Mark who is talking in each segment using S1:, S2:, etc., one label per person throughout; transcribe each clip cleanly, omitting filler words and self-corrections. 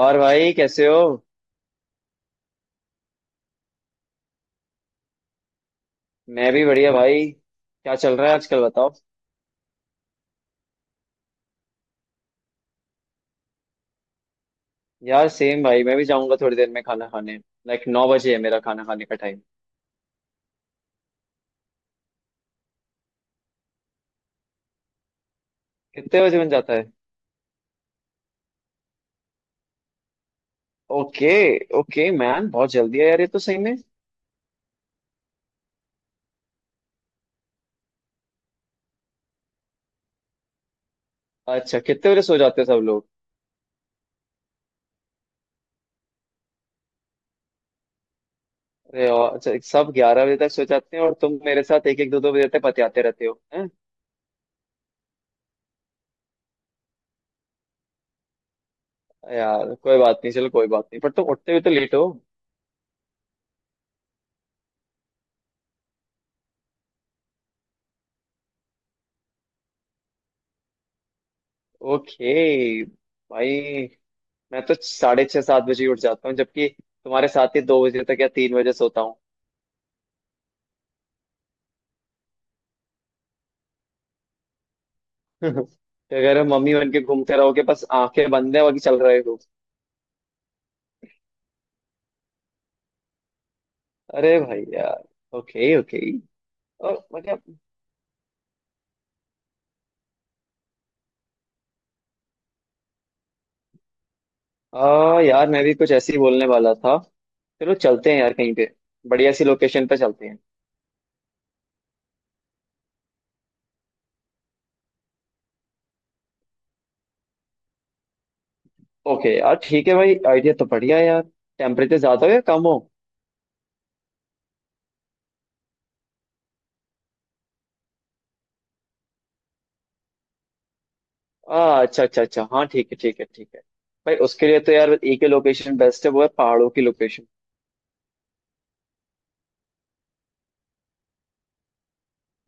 S1: और भाई कैसे हो। मैं भी बढ़िया भाई, क्या चल रहा है आजकल बताओ। यार सेम भाई, मैं भी जाऊंगा थोड़ी देर में खाना खाने। लाइक 9 बजे है मेरा खाना खाने का टाइम। कितने बजे बन जाता है? ओके। ओके मैन, बहुत जल्दी है यार ये तो सही में। अच्छा कितने बजे सो जाते हो सब लोग? अरे अच्छा। सब 11 बजे तक सो जाते हैं और तुम मेरे साथ एक एक दो दो बजे तक पतियाते रहते हो हैं। यार कोई बात नहीं, चलो कोई बात नहीं, पर तुम उठते हुए तो लेट हो। ओके। भाई, मैं तो साढ़े छह सात बजे ही उठ जाता हूँ, जबकि तुम्हारे साथ ही 2 बजे तक या 3 बजे सोता हूँ। तो अगर मम्मी बन के घूमते रहोगे बस आंखें बंद है बाकी चल रहे हो। अरे भाई यार। Okay okay. और मतलब, यार मैं भी कुछ ऐसे ही बोलने वाला था। चलो चलते हैं यार कहीं पे। बढ़िया सी लोकेशन पे चलते हैं। ओके यार ठीक है भाई, आइडिया तो बढ़िया है यार। टेम्परेचर ज्यादा हो या कम हो? अच्छा अच्छा अच्छा, हाँ ठीक है ठीक है ठीक है। भाई उसके लिए तो यार एक ही लोकेशन बेस्ट है, वो है पहाड़ों की लोकेशन।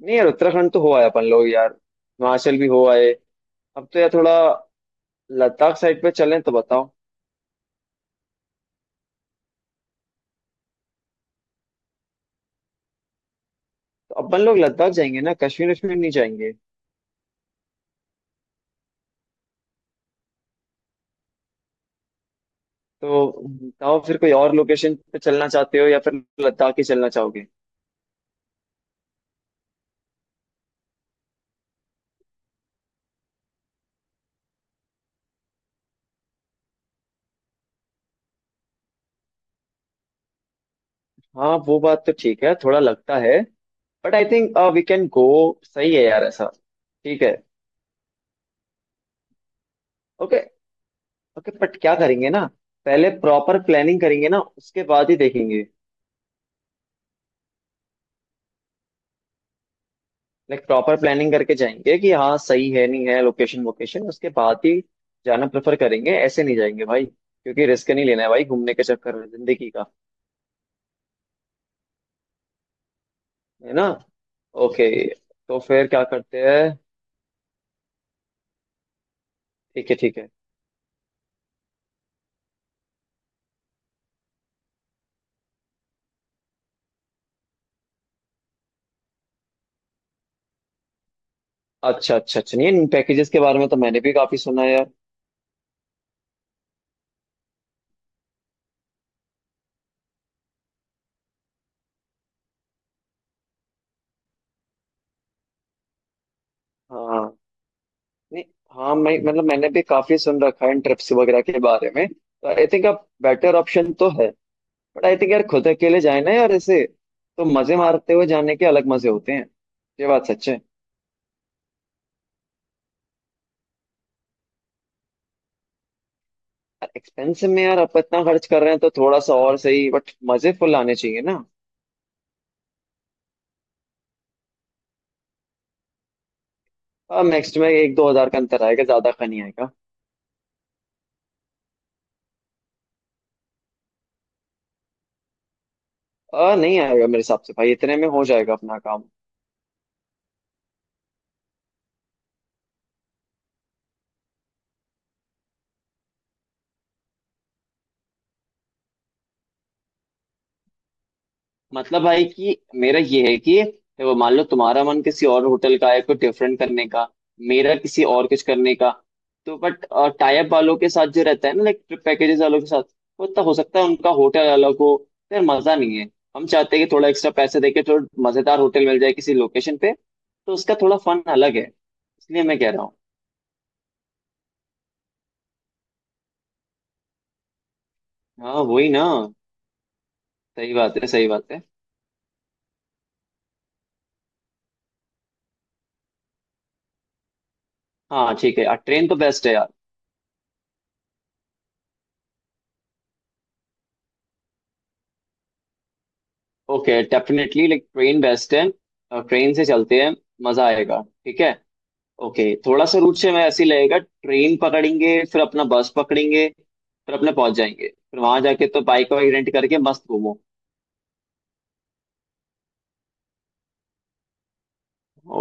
S1: नहीं यार, उत्तराखंड तो हो आए अपन लोग यार, हिमाचल भी हो आए। अब तो यार थोड़ा लद्दाख साइड पे चलें तो बताओ। तो अपन लोग लद्दाख जाएंगे ना, कश्मीर वश्मीर नहीं जाएंगे। तो बताओ फिर, कोई और लोकेशन पे चलना चाहते हो या फिर लद्दाख ही चलना चाहोगे? हाँ वो बात तो ठीक है, थोड़ा लगता है। But I think we can go. सही है यार ऐसा। ठीक है। ओके। ओके बट क्या करेंगे ना, पहले प्रॉपर प्लानिंग करेंगे ना उसके बाद ही देखेंगे। लाइक प्रॉपर प्लानिंग करके जाएंगे कि हाँ सही है नहीं है, लोकेशन वोकेशन, उसके बाद ही जाना प्रेफर करेंगे। ऐसे नहीं जाएंगे भाई, क्योंकि रिस्क नहीं लेना है भाई घूमने के चक्कर में जिंदगी का। है ना? ओके। तो फिर क्या करते हैं? ठीक है ठीक है। अच्छा अच्छा अच्छा, नहीं, इन पैकेजेस के बारे में तो मैंने भी काफी सुना है यार। हाँ। नहीं। हाँ, मैं मतलब मैंने भी काफी सुन रखा है इन ट्रिप्स वगैरह के बारे में, तो आई थिंक अब बेटर ऑप्शन तो है। बट आई थिंक यार खुद अकेले जाए ना यार ऐसे, तो मजे मारते हुए जाने के अलग मजे होते हैं। ये बात सच है। यार एक्सपेंसिव में यार, आप इतना खर्च कर रहे हैं तो थोड़ा सा और सही, बट मजे फुल आने चाहिए ना। अब नेक्स्ट में एक दो हजार का अंतर आएगा, ज्यादा का नहीं आएगा। नहीं आएगा मेरे हिसाब से भाई, इतने में हो जाएगा अपना काम। मतलब भाई कि मेरा ये है कि वो मान लो, तुम्हारा मन किसी और होटल का है कुछ डिफरेंट करने का, मेरा किसी और कुछ करने का, तो बट टाई अप वालों के साथ जो रहता है ना, लाइक ट्रिप पैकेजेस वालों के साथ, वो तो हो सकता है उनका होटल वालों को, फिर मजा नहीं है। हम चाहते हैं कि थोड़ा एक्स्ट्रा पैसे देके थोड़ा मजेदार होटल मिल जाए किसी लोकेशन पे, तो उसका थोड़ा फन अलग है, इसलिए मैं कह रहा हूँ। हाँ वही ना, सही बात है सही बात है। हाँ ठीक है, ट्रेन तो बेस्ट है यार। Okay definitely, like train best है, ट्रेन से चलते हैं, मजा आएगा, ठीक है। ओके, थोड़ा सा रूट से मैं ऐसे ही लगेगा, ट्रेन पकड़ेंगे फिर अपना बस पकड़ेंगे फिर अपने पहुंच जाएंगे, फिर वहां जाके तो बाइक वाइक रेंट करके मस्त घूमो।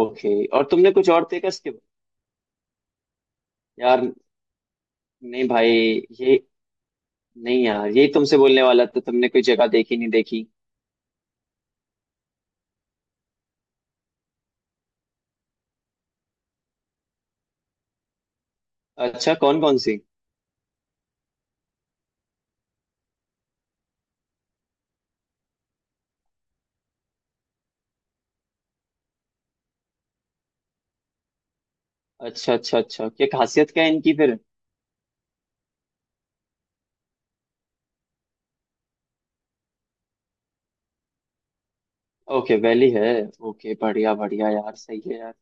S1: ओके। और तुमने कुछ और देखा इसके बाद? यार, नहीं भाई, ये, नहीं यार ये तुमसे बोलने वाला था, तुमने कोई जगह देखी नहीं देखी? अच्छा कौन कौन सी? अच्छा अच्छा अच्छा, क्या खासियत क्या है इनकी फिर? ओके वैली है, ओके बढ़िया बढ़िया यार, सही है यार।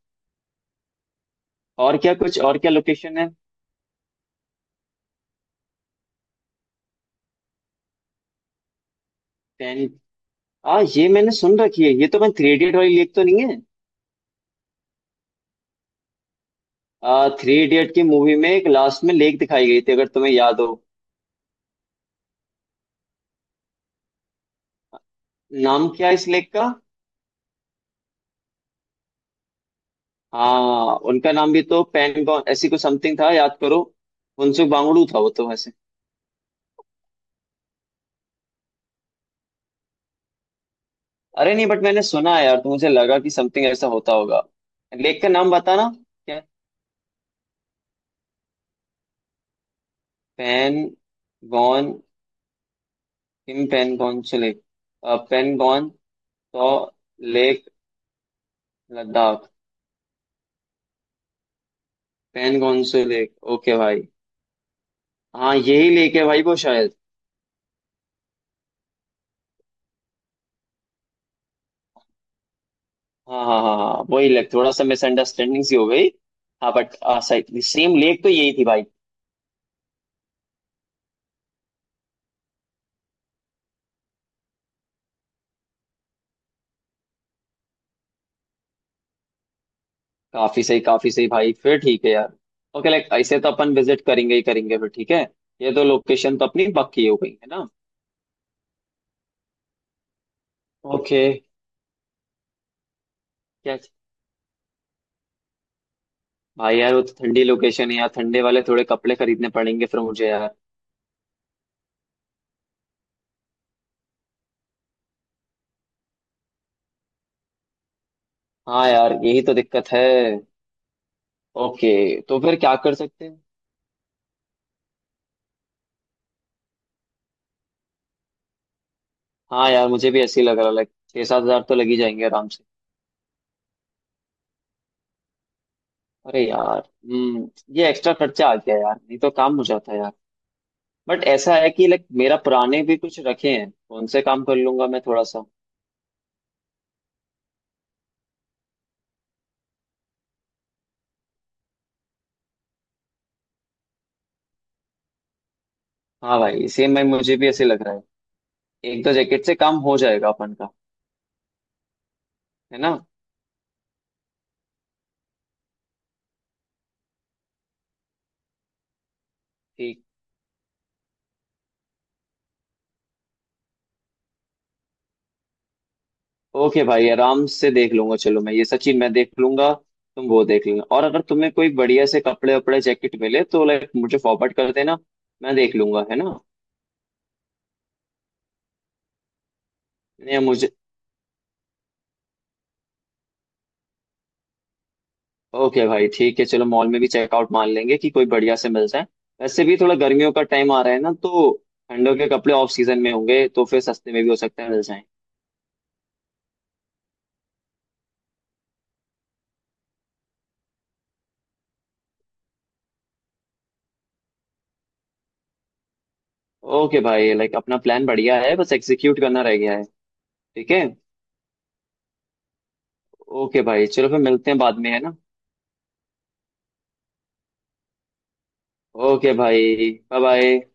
S1: और क्या, कुछ और क्या लोकेशन है? 10। हाँ ये मैंने सुन रखी है, ये तो मैं, थ्री इडियट वाली लेक तो नहीं है? थ्री इडियट की मूवी में एक लास्ट में लेक दिखाई गई थी अगर तुम्हें याद हो। नाम क्या है इस लेक का? हाँ, उनका नाम भी तो पेनगॉन ऐसी कुछ समथिंग था, याद करो। फुनसुक वांगडू था वो तो वैसे। अरे नहीं बट मैंने सुना है यार, तो मुझे लगा कि समथिंग ऐसा होता होगा। लेक का नाम बताना। क्या? पेन गॉन। किम पेन गॉन से लेक। पेन गॉन। तो लेक लद्दाख पैनगॉन से लेक, ओके भाई। हाँ यही लेक है भाई वो शायद। हाँ हाँ हाँ हाँ, वही लेक, थोड़ा सा मिसअंडरस्टैंडिंग सी हो गई। हाँ बट सही, सेम लेक तो यही थी भाई। काफी सही भाई, फिर ठीक है यार। ओके, लाइक ऐसे तो अपन विजिट करेंगे ही करेंगे फिर, ठीक है। ये तो लोकेशन तो अपनी पक्की हो गई है ना। ओके। क्या? भाई यार वो तो ठंडी लोकेशन है यार, ठंडे वाले थोड़े कपड़े खरीदने पड़ेंगे फिर मुझे यार। हाँ यार यही तो दिक्कत है। ओके। तो फिर क्या कर सकते हैं? हाँ यार मुझे भी ऐसे ही लग रहा, लाइक छह सात हजार तो लग ही जाएंगे आराम से। अरे यार, ये एक्स्ट्रा खर्चा आ गया यार, नहीं तो काम हो जाता यार। बट ऐसा है कि लाइक मेरा पुराने भी कुछ रखे हैं, तो उनसे काम कर लूंगा मैं थोड़ा सा। हाँ भाई सेम भाई, मुझे भी ऐसे लग रहा है। एक दो जैकेट से काम हो जाएगा अपन का। है ना? ठीक। ओके भाई आराम से देख लूंगा, चलो मैं ये सचिन, मैं देख लूंगा। तुम वो देख लेना और अगर तुम्हें कोई बढ़िया से कपड़े वपड़े जैकेट मिले तो लाइक मुझे फॉरवर्ड कर देना, मैं देख लूंगा, है ना? या मुझे। ओके भाई ठीक है, चलो मॉल में भी चेकआउट, मान लेंगे कि कोई बढ़िया से मिल जाए। वैसे भी थोड़ा गर्मियों का टाइम आ रहा है ना, तो ठंडों के कपड़े ऑफ सीजन में होंगे तो फिर सस्ते में भी हो सकता है मिल जाए। ओके भाई, लाइक अपना प्लान बढ़िया है, बस एग्जीक्यूट करना रह गया है। ठीक है। ओके भाई चलो फिर मिलते हैं बाद में, है ना? ओके भाई बाय बाय।